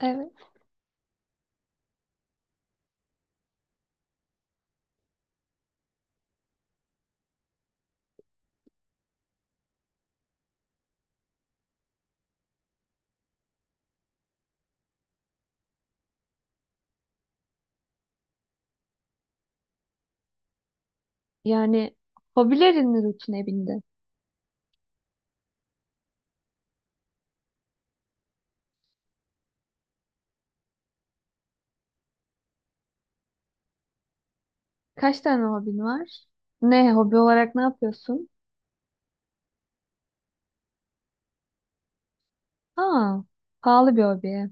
Evet. Yani hobilerin rutine bindi. Kaç tane hobin var? Ne hobi olarak ne yapıyorsun? Aa, pahalı bir hobi.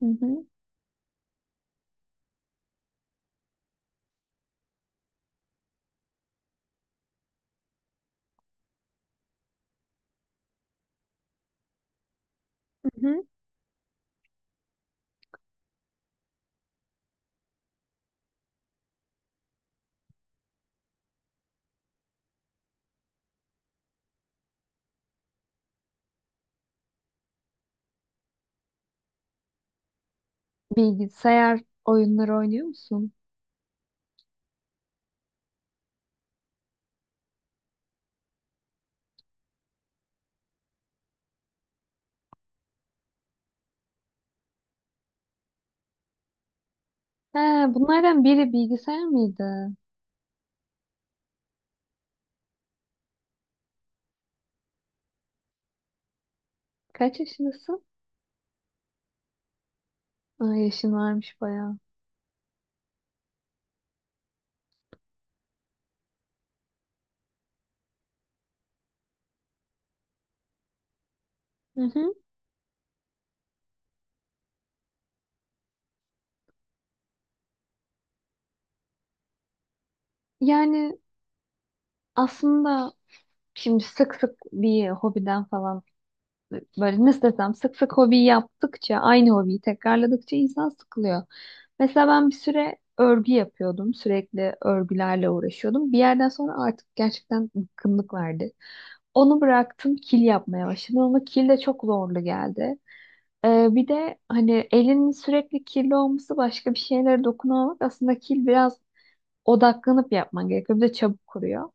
Hı hı. Hı hı. Bilgisayar oyunları oynuyor musun? He, bunlardan biri bilgisayar mıydı? Kaç yaşındasın? Aa, yaşın varmış bayağı. Hı hı. Yani aslında şimdi sık sık bir hobiden falan böyle nasıl desem, sık sık hobi yaptıkça, aynı hobiyi tekrarladıkça insan sıkılıyor. Mesela ben bir süre örgü yapıyordum. Sürekli örgülerle uğraşıyordum. Bir yerden sonra artık gerçekten bıkkınlık verdi. Onu bıraktım, kil yapmaya başladım, ama kil de çok zorlu geldi. Bir de hani elinin sürekli kirli olması, başka bir şeylere dokunamamak, aslında kil biraz odaklanıp yapman gerekiyor. Bir de çabuk kuruyor.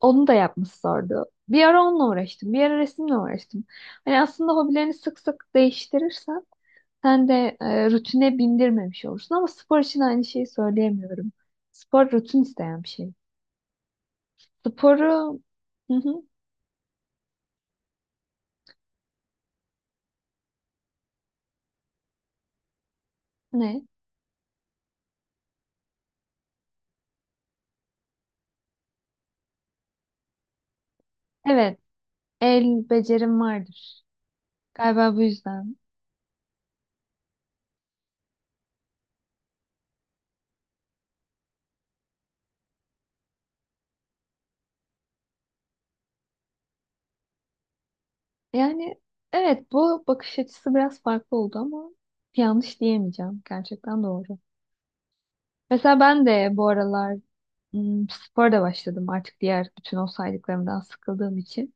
Onu da yapması zordu. Bir ara onunla uğraştım. Bir ara resimle uğraştım. Hani aslında hobilerini sık sık değiştirirsen sen de rutine bindirmemiş olursun. Ama spor için aynı şeyi söyleyemiyorum. Spor rutin isteyen bir şey. Sporu. Hı hı. Ne? Evet. El becerim vardır. Galiba bu yüzden. Yani evet, bu bakış açısı biraz farklı oldu ama yanlış diyemeyeceğim. Gerçekten doğru. Mesela ben de bu aralar, hmm, spora da başladım artık, diğer bütün o saydıklarımdan sıkıldığım için.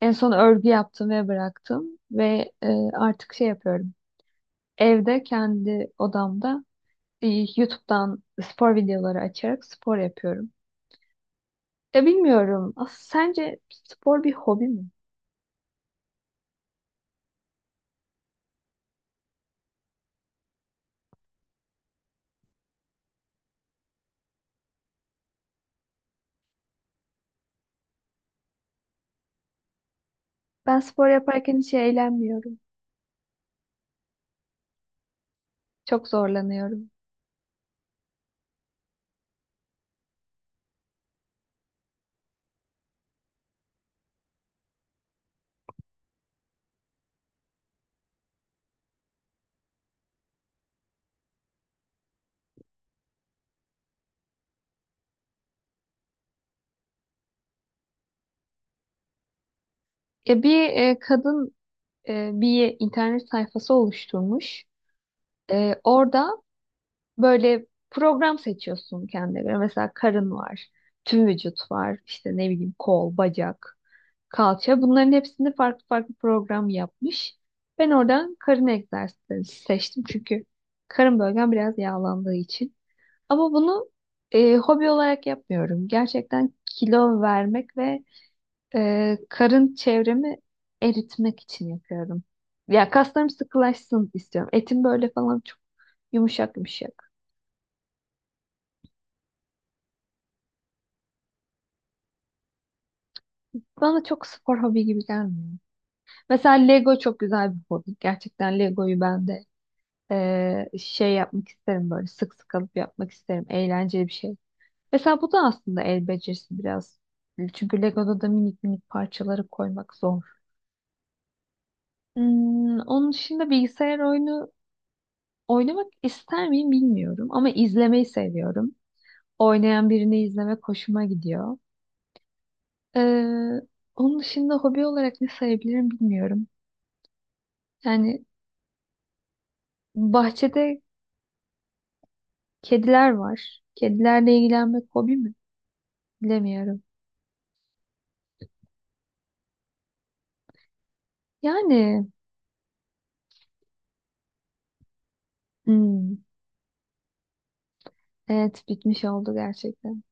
En son örgü yaptım ve bıraktım ve artık şey yapıyorum. Evde kendi odamda e, YouTube'dan spor videoları açarak spor yapıyorum. Ya bilmiyorum. As sence spor bir hobi mi? Ben spor yaparken hiç eğlenmiyorum. Çok zorlanıyorum. Ya bir kadın, bir internet sayfası oluşturmuş. E, orada böyle program seçiyorsun kendine göre. Mesela karın var, tüm vücut var, işte ne bileyim kol, bacak, kalça. Bunların hepsini farklı farklı program yapmış. Ben oradan karın egzersizleri seçtim, çünkü karın bölgem biraz yağlandığı için. Ama bunu hobi olarak yapmıyorum. Gerçekten kilo vermek ve karın çevremi eritmek için yapıyorum. Ya kaslarım sıkılaşsın istiyorum. Etim böyle falan çok yumuşak yumuşak. Bana çok spor hobi gibi gelmiyor. Mesela Lego çok güzel bir hobi. Gerçekten Lego'yu ben de şey yapmak isterim, böyle sık sık alıp yapmak isterim. Eğlenceli bir şey. Mesela bu da aslında el becerisi biraz. Çünkü Lego'da da minik minik parçaları koymak zor. Hmm, onun dışında bilgisayar oyunu oynamak ister miyim bilmiyorum. Ama izlemeyi seviyorum. Oynayan birini izlemek hoşuma gidiyor. Eee, Onun dışında hobi olarak ne sayabilirim bilmiyorum. Yani bahçede kediler var. Kedilerle ilgilenmek hobi mi? Bilemiyorum. Yani hmm, evet, bitmiş oldu gerçekten.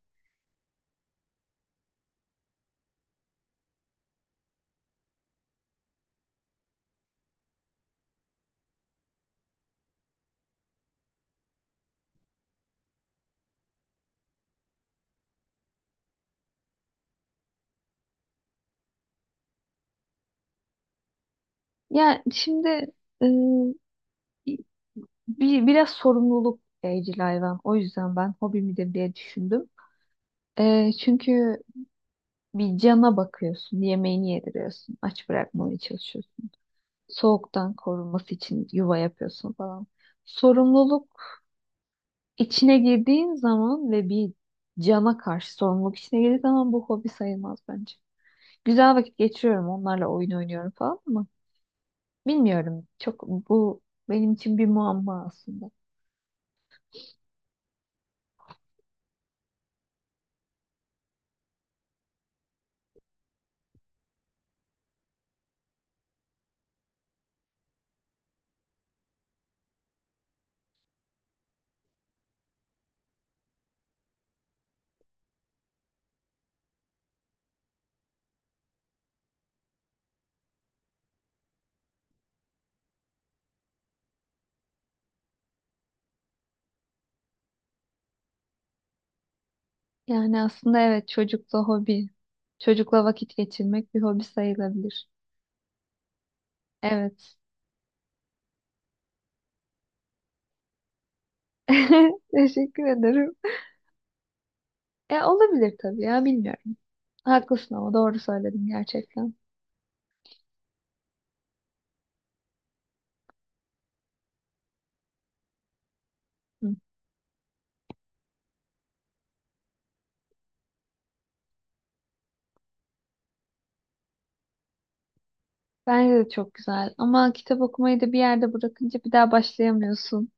Ya şimdi, e, bir, biraz sorumluluk evcil hayvan. O yüzden ben hobi midir diye düşündüm. E, çünkü bir cana bakıyorsun, yemeğini yediriyorsun, aç bırakmamaya çalışıyorsun. Soğuktan korunması için yuva yapıyorsun falan. Sorumluluk İçine girdiğin zaman ve bir cana karşı sorumluluk içine girdiği zaman bu hobi sayılmaz bence. Güzel vakit geçiriyorum, onlarla oyun oynuyorum falan, ama bilmiyorum. Çok, bu benim için bir muamma aslında. Yani aslında evet, çocukla hobi, çocukla vakit geçirmek bir hobi sayılabilir. Evet. Teşekkür ederim. E, olabilir tabii ya, bilmiyorum. Haklısın, ama doğru söyledim gerçekten. Hı. Bence de çok güzel, ama kitap okumayı da bir yerde bırakınca bir daha başlayamıyorsun.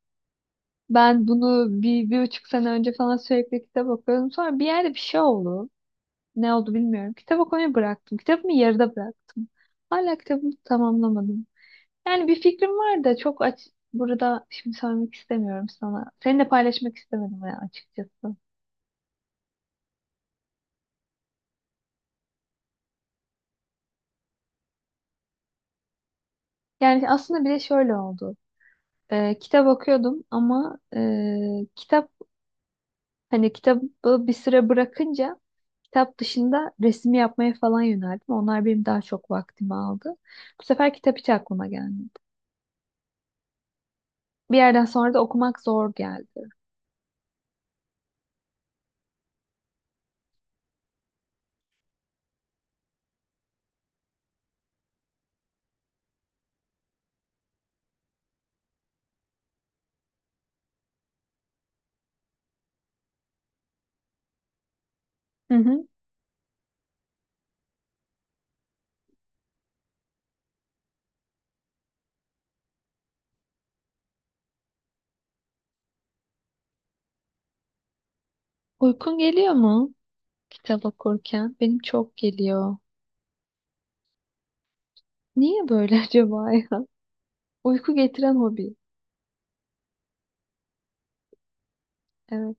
Ben bunu bir, bir buçuk sene önce falan sürekli kitap okuyordum. Sonra bir yerde bir şey oldu. Ne oldu bilmiyorum. Kitap okumayı bıraktım. Kitabımı yarıda bıraktım. Hala kitabımı tamamlamadım. Yani bir fikrim var da çok aç... Burada şimdi söylemek istemiyorum sana. Seninle paylaşmak istemedim ya açıkçası. Yani aslında bir de şöyle oldu. Kitap okuyordum ama kitap, hani kitabı bir süre bırakınca kitap dışında resim yapmaya falan yöneldim. Onlar benim daha çok vaktimi aldı. Bu sefer kitap hiç aklıma gelmedi. Bir yerden sonra da okumak zor geldi. Hı hı. Uykun geliyor mu kitap okurken? Benim çok geliyor. Niye böyle acaba ya? Uyku getiren hobi. Evet.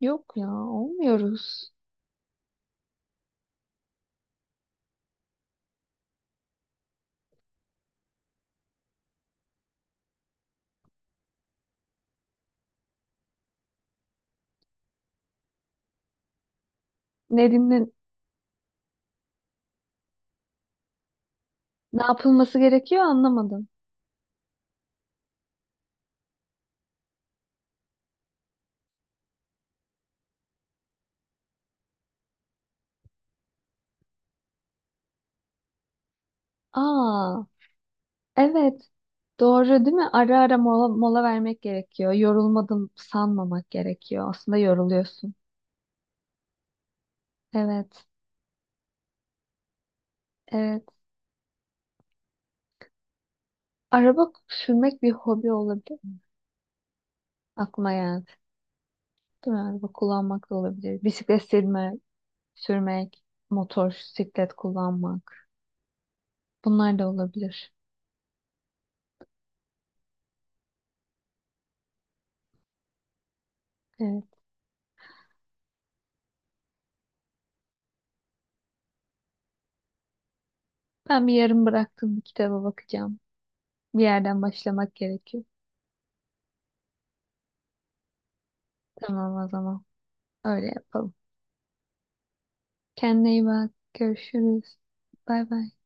Yok ya, olmuyoruz. Ne dinlen, ne yapılması gerekiyor anlamadım. Aa, evet. Doğru değil mi? Ara ara mola, mola vermek gerekiyor. Yorulmadım sanmamak gerekiyor. Aslında yoruluyorsun. Evet, evet. Araba sürmek bir hobi olabilir. Aklıma geldi. Değil mi? Araba kullanmak da olabilir. Bisiklet sürme, sürmek, motor, siklet kullanmak. Bunlar da olabilir. Evet. Ben bir yarım bıraktığım bir kitaba bakacağım. Bir yerden başlamak gerekiyor. Tamam o zaman. Öyle yapalım. Kendine iyi bak. Görüşürüz. Bay bay.